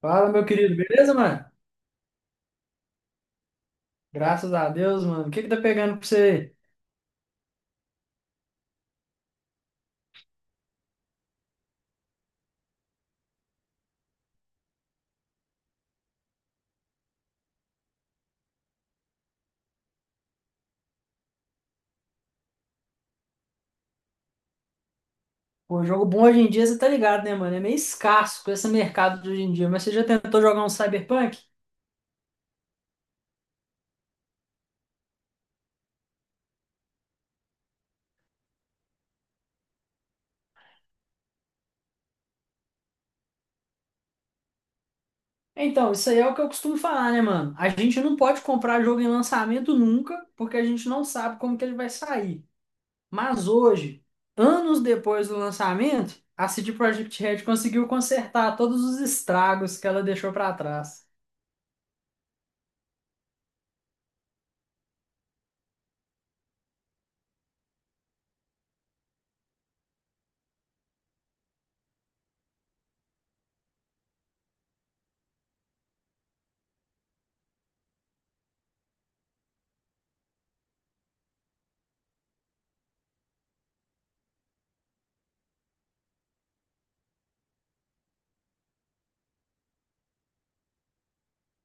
Fala, meu querido, beleza, mano? Graças a Deus, mano. O que que tá pegando pra você? Aí? Pô, jogo bom hoje em dia, você tá ligado, né, mano? É meio escasso com esse mercado de hoje em dia, mas você já tentou jogar um Cyberpunk? Então, isso aí é o que eu costumo falar, né, mano? A gente não pode comprar jogo em lançamento nunca, porque a gente não sabe como que ele vai sair. Mas hoje, anos depois do lançamento, a CD Projekt Red conseguiu consertar todos os estragos que ela deixou pra trás.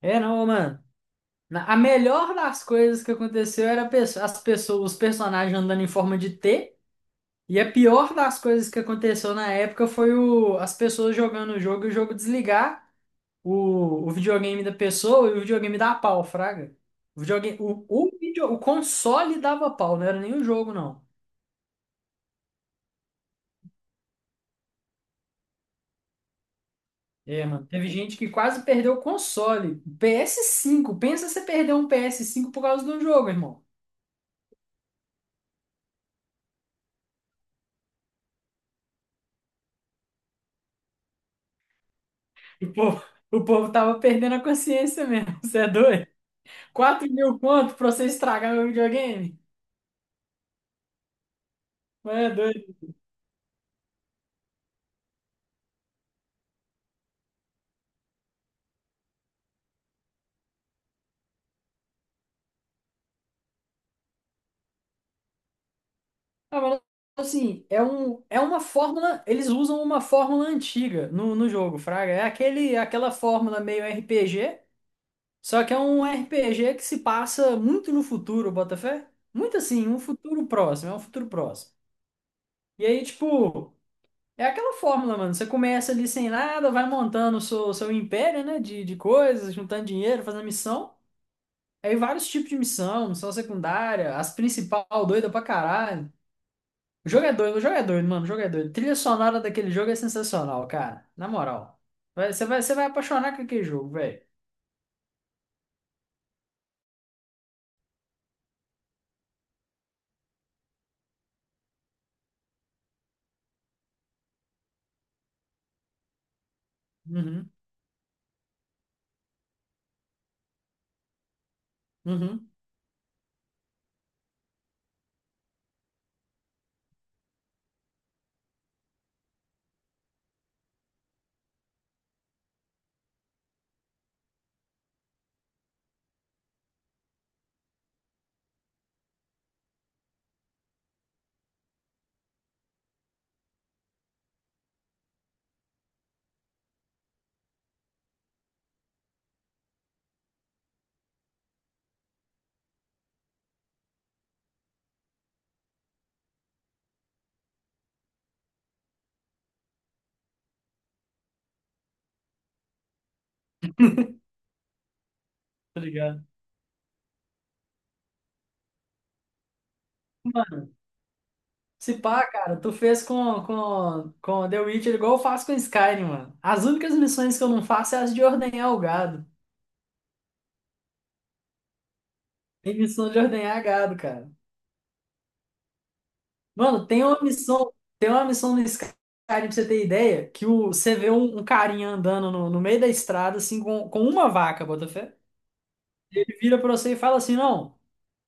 É não, mano. A melhor das coisas que aconteceu era as pessoas, os personagens andando em forma de T. E a pior das coisas que aconteceu na época foi as pessoas jogando o jogo e o jogo desligar o videogame da pessoa e o videogame dar pau, fraga. O, videogame, o, video- O console dava pau, não era nem o jogo, não. É, mano, teve gente que quase perdeu o console. PS5 pensa você perder um PS5 por causa de um jogo, irmão. O povo, o povo tava perdendo a consciência mesmo, você é doido? 4.000 conto pra você estragar meu videogame? É doido. Ah, mas, assim, é uma fórmula. Eles usam uma fórmula antiga no jogo, Fraga. É aquela fórmula meio RPG, só que é um RPG que se passa muito no futuro, Botafé. Muito assim, um futuro próximo, é um futuro próximo. E aí, tipo, é aquela fórmula, mano. Você começa ali sem nada, vai montando o seu império, né? De coisas, juntando dinheiro, fazendo missão. Aí vários tipos de missão, missão secundária, as principal, doida pra caralho. O jogo é doido, o jogo é doido, mano, o jogo é doido. Trilha sonora daquele jogo é sensacional, cara. Na moral. Você vai apaixonar com aquele jogo, velho. Uhum, uhum. Tá ligado? Mano, se pá, cara, tu fez com The Witcher igual eu faço com Skyrim, mano. As únicas missões que eu não faço é as de ordenhar o gado. Tem missão de ordenhar gado, cara. Mano, tem uma missão no Skyrim, pra você ter ideia, que você vê um carinha andando no meio da estrada, assim, com uma vaca, Botafé. Ele vira pra você e fala assim: não,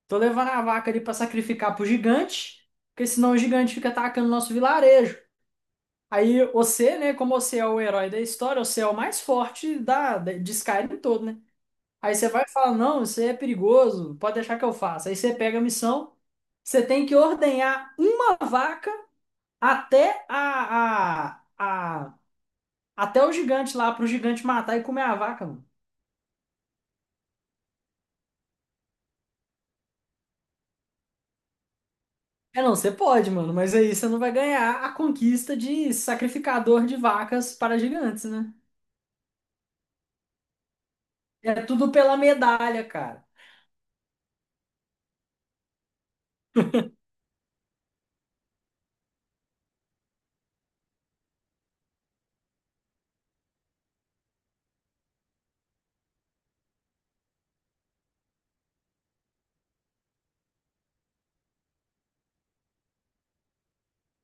tô levando a vaca ali pra sacrificar pro gigante, porque senão o gigante fica atacando o nosso vilarejo. Aí você, né, como você é o herói da história, você é o mais forte de Skyrim todo, né? Aí você vai e fala: não, isso aí é perigoso, pode deixar que eu faça. Aí você pega a missão, você tem que ordenhar uma vaca até a- até o gigante lá, pro gigante matar e comer a vaca, mano. É, não, você pode, mano, mas aí você não vai ganhar a conquista de sacrificador de vacas para gigantes, né? É tudo pela medalha, cara.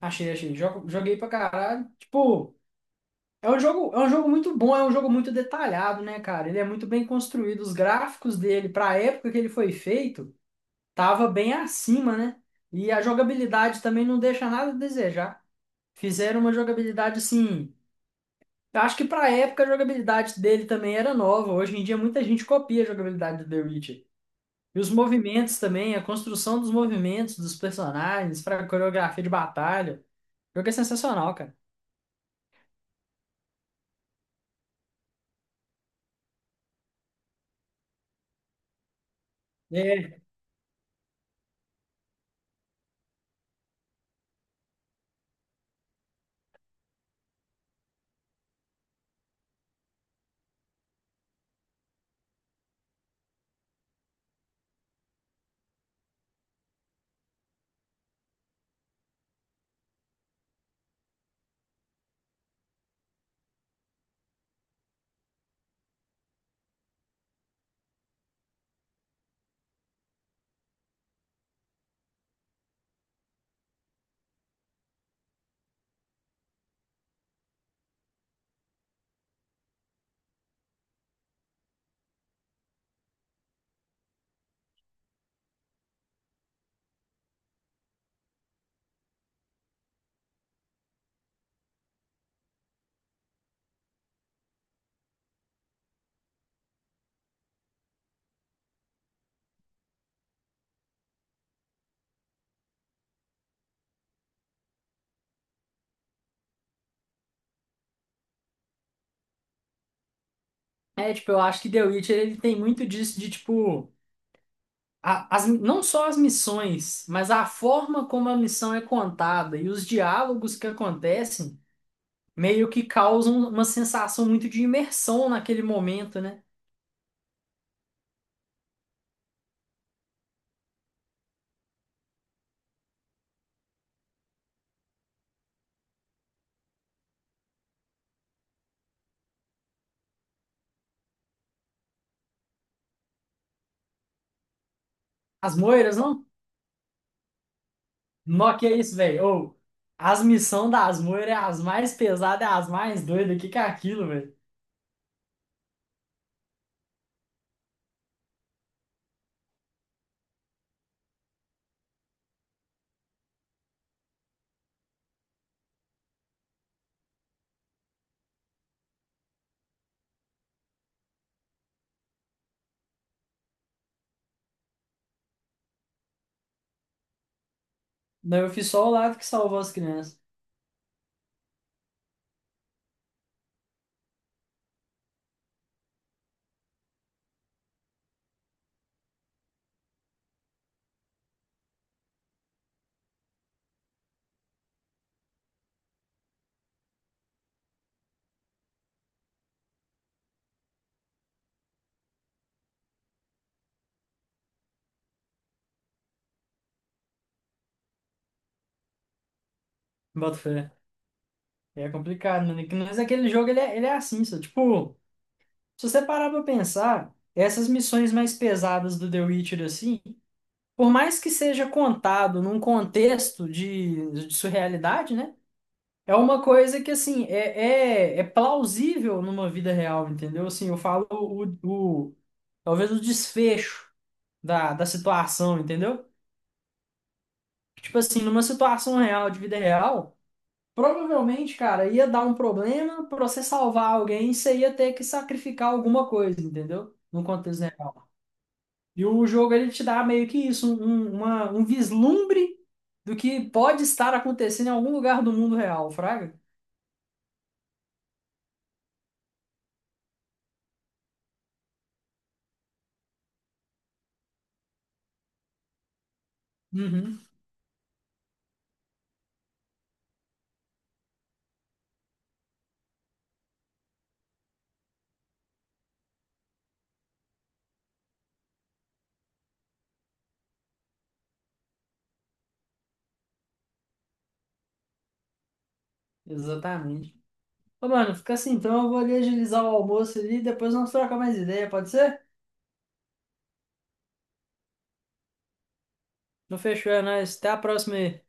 Achei, achei. Joguei pra caralho. Tipo, é um jogo muito bom, é um jogo muito detalhado, né, cara? Ele é muito bem construído. Os gráficos dele, pra época que ele foi feito, tava bem acima, né? E a jogabilidade também não deixa nada a desejar. Fizeram uma jogabilidade assim. Eu acho que pra época a jogabilidade dele também era nova. Hoje em dia muita gente copia a jogabilidade do The Witcher. E os movimentos também, a construção dos movimentos dos personagens, pra coreografia de batalha. O jogo é sensacional, cara. É. É, tipo, eu acho que The Witcher ele tem muito disso de tipo. Não só as missões, mas a forma como a missão é contada e os diálogos que acontecem meio que causam uma sensação muito de imersão naquele momento, né? As moiras, não? Nó que é isso, velho. Ou, as missões das moiras é as mais pesadas, é as mais doidas. O que que é aquilo, velho? Não, eu fiz só o lado que salvou as crianças. Bota fé. É complicado, mano. Mas aquele jogo, ele é assim, só. Tipo, se você parar pra pensar, essas missões mais pesadas do The Witcher, assim, por mais que seja contado num contexto de surrealidade, né? É uma coisa que, assim, é plausível numa vida real, entendeu? Assim, eu falo talvez o desfecho da situação, entendeu? Tipo assim, numa situação real, de vida real, provavelmente, cara, ia dar um problema pra você salvar alguém, você ia ter que sacrificar alguma coisa, entendeu? No contexto real. E o jogo, ele te dá meio que isso, um vislumbre do que pode estar acontecendo em algum lugar do mundo real, fraga? Uhum, exatamente. Ô, mano, fica assim, então eu vou ali agilizar o almoço ali, depois nós trocamos mais ideia, pode ser? Não fechou, é nóis. Até a próxima aí.